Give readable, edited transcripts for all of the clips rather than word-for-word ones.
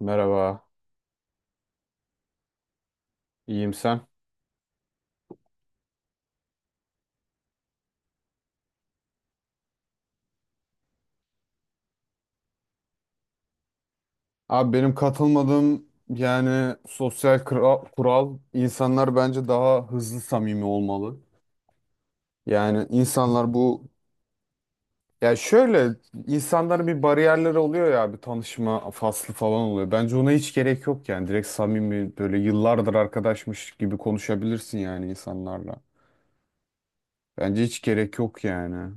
Merhaba, iyiyim sen. Abi benim katılmadığım yani sosyal kural insanlar bence daha hızlı samimi olmalı. Yani insanlar bu ya şöyle insanların bir bariyerleri oluyor ya bir tanışma faslı falan oluyor. Bence ona hiç gerek yok yani direkt samimi böyle yıllardır arkadaşmış gibi konuşabilirsin yani insanlarla. Bence hiç gerek yok yani.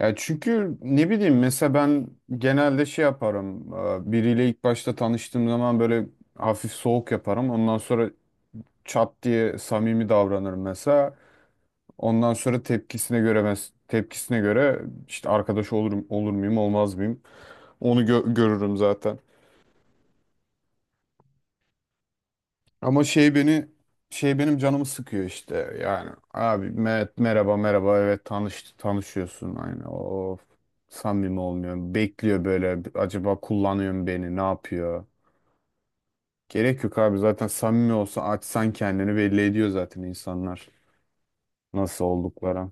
Ya çünkü ne bileyim mesela ben genelde şey yaparım. Biriyle ilk başta tanıştığım zaman böyle hafif soğuk yaparım. Ondan sonra çat diye samimi davranırım mesela. Ondan sonra tepkisine göre tepkisine göre işte arkadaş olurum olur muyum olmaz mıyım onu görürüm zaten. Ama şey beni şey benim canımı sıkıyor işte. Yani abi Mehmet merhaba merhaba evet tanışıyorsun aynı. Of samimi olmuyor. Bekliyor böyle acaba kullanıyor mu beni ne yapıyor? Gerek yok abi zaten samimi olsa açsan kendini belli ediyor zaten insanlar nasıl oldukları.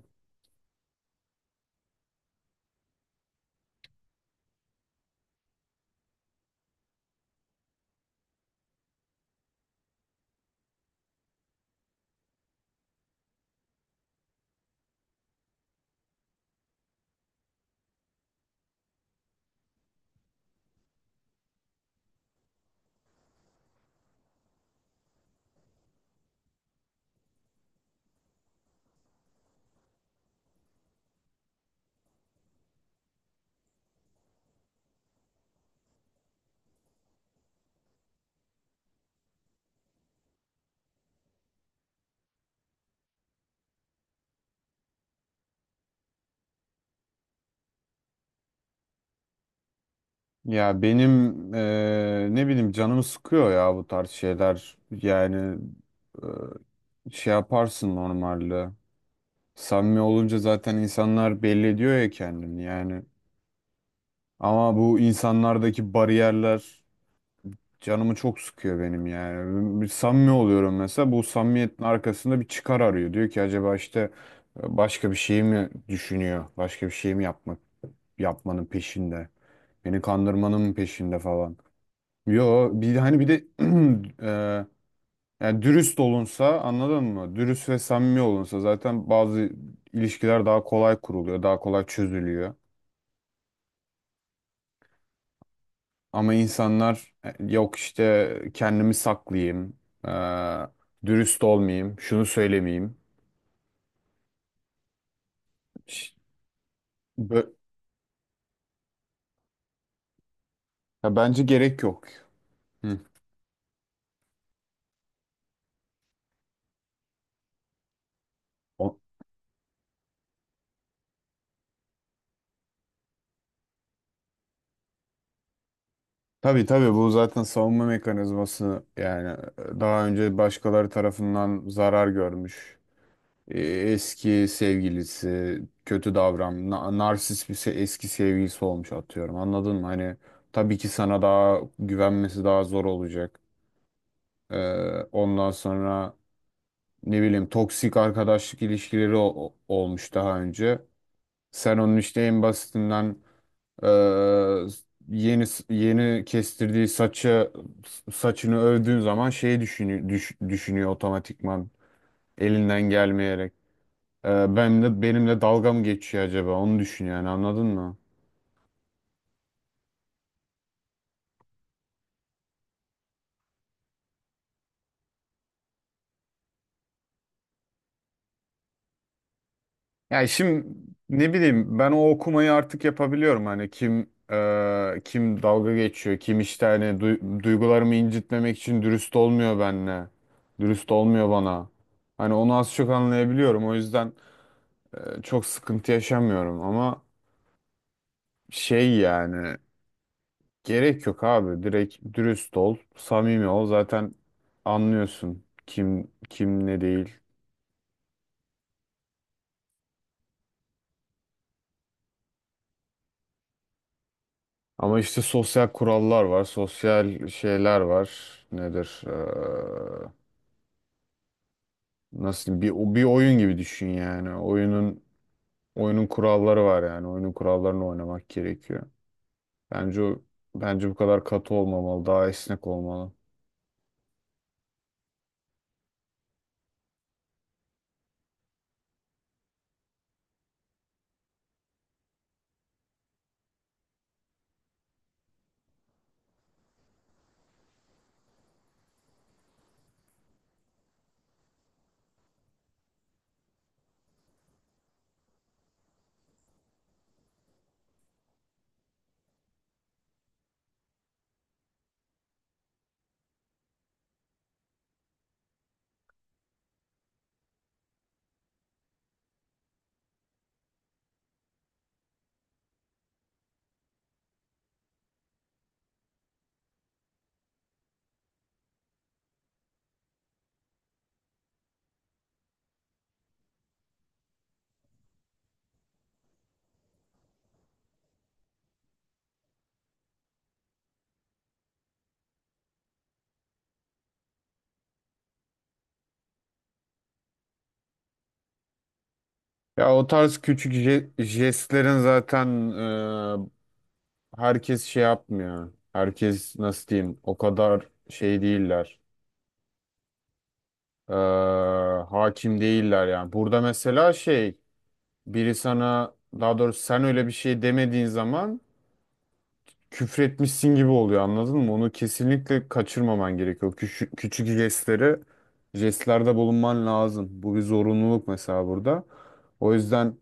Ya benim ne bileyim canımı sıkıyor ya bu tarz şeyler. Yani eee, şey yaparsın normalde. Samimi olunca zaten insanlar belli ediyor ya kendini yani. Ama bu insanlardaki bariyerler canımı çok sıkıyor benim yani. Bir samimi oluyorum mesela bu samimiyetin arkasında bir çıkar arıyor. Diyor ki acaba işte başka bir şey mi düşünüyor? Başka bir şey mi yapmak yapmanın peşinde? Beni kandırmanın mı peşinde falan. Yo bir hani bir de eee, yani dürüst olunsa anladın mı? Dürüst ve samimi olunsa zaten bazı ilişkiler daha kolay kuruluyor, daha kolay çözülüyor. Ama insanlar yok işte kendimi saklayayım, e, dürüst olmayayım, şunu söylemeyeyim. Ş- bö- Ya bence gerek yok. Hı. O- Tabii tabii bu zaten savunma mekanizması yani daha önce başkaları tarafından zarar görmüş. Eski sevgilisi kötü davran, narsist bir eski sevgilisi olmuş atıyorum. Anladın mı? Hani tabii ki sana daha güvenmesi daha zor olacak. E, ondan sonra. Ne bileyim toksik arkadaşlık ilişkileri olmuş daha önce. Sen onun işte en basitinden e, yeni yeni kestirdiği saçını övdüğün zaman şeyi düşünüyor otomatikman elinden gelmeyerek. Ben de benimle dalga mı geçiyor acaba onu düşünüyor yani anladın mı? Yani şimdi ne bileyim ben o okumayı artık yapabiliyorum hani kim kim dalga geçiyor kim işte hani duygularımı incitmemek için dürüst olmuyor benimle dürüst olmuyor bana hani onu az çok anlayabiliyorum o yüzden çok sıkıntı yaşamıyorum ama şey yani gerek yok abi direkt dürüst ol samimi ol zaten anlıyorsun kim kim ne değil. Ama işte sosyal kurallar var, sosyal şeyler var. Nedir? Nasıl diyeyim? Bir oyun gibi düşün yani. Oyunun kuralları var yani. Oyunun kurallarını oynamak gerekiyor. Bence o bence bu kadar katı olmamalı, daha esnek olmalı. Ya o tarz küçük jestlerin zaten e, herkes şey yapmıyor. Herkes nasıl diyeyim? O kadar şey değiller. Ee, hakim değiller yani. Burada mesela şey biri sana daha doğrusu sen öyle bir şey demediğin zaman küfretmişsin gibi oluyor anladın mı? Onu kesinlikle kaçırmaman gerekiyor. Küçük, küçük jestlerde bulunman lazım. Bu bir zorunluluk mesela burada. O yüzden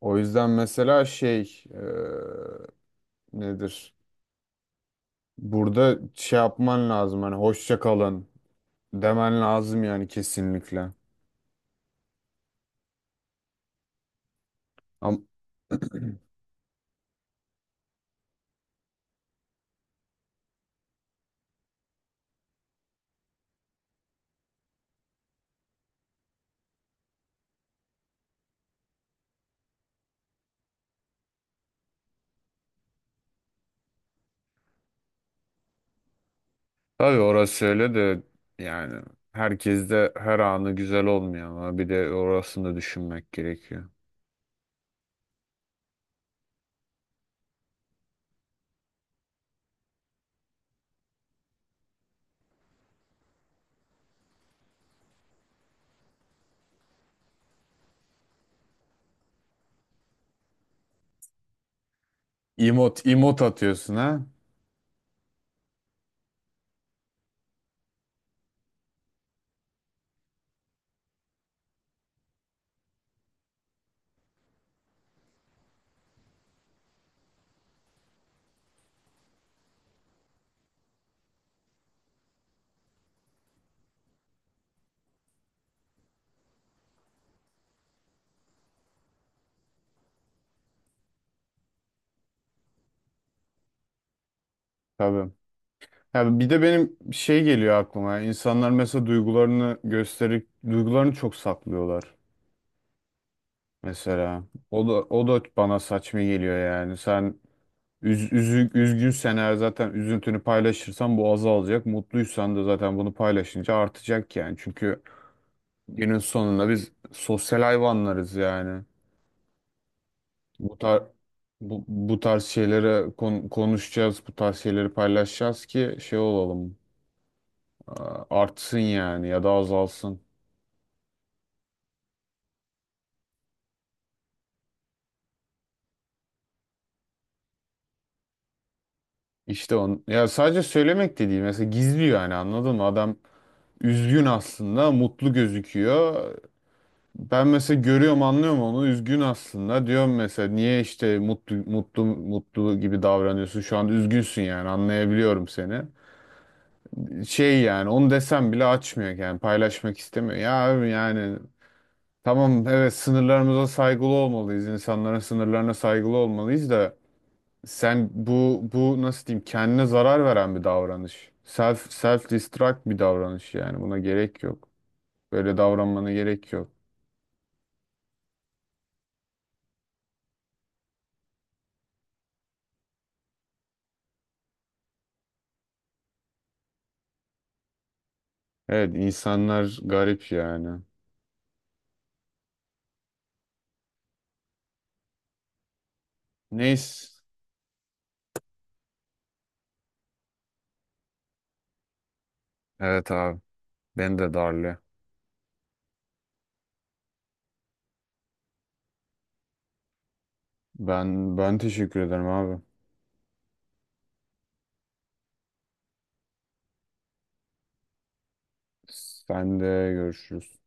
o yüzden mesela şey nedir? Burada şey yapman lazım hani hoşça kalın demen lazım yani kesinlikle. Ama tabii orası öyle de yani herkes de her anı güzel olmuyor ama bir de orasını da düşünmek gerekiyor. Emot atıyorsun ha? Tabii. Ya bir de benim şey geliyor aklıma. İnsanlar mesela duygularını gösterip duygularını çok saklıyorlar mesela. O da bana saçma geliyor yani. Sen üzgünsen eğer zaten üzüntünü paylaşırsan bu azalacak. Mutluysan da zaten bunu paylaşınca artacak yani. Çünkü günün sonunda biz sosyal hayvanlarız yani. Bu tar bu tarz şeylere konuşacağız, bu tarz şeyleri paylaşacağız ki şey olalım. Artsın yani ya da azalsın. İşte ya sadece söylemek de değil. Mesela gizliyor yani anladın mı? Adam üzgün aslında, mutlu gözüküyor. Ben mesela görüyorum, anlıyorum onu. Üzgün aslında. Diyorum mesela niye işte mutlu mutlu mutlu gibi davranıyorsun? Şu an üzgünsün yani. Anlayabiliyorum seni. Şey yani onu desem bile açmıyor yani paylaşmak istemiyor. Ya abi yani tamam evet sınırlarımıza saygılı olmalıyız. İnsanların sınırlarına saygılı olmalıyız da sen bu nasıl diyeyim kendine zarar veren bir davranış. Self destruct bir davranış yani buna gerek yok. Böyle davranmana gerek yok. Evet insanlar garip yani. Neyse. Evet abi. Ben de darlı. Ben teşekkür ederim abi. Sen de görüşürüz.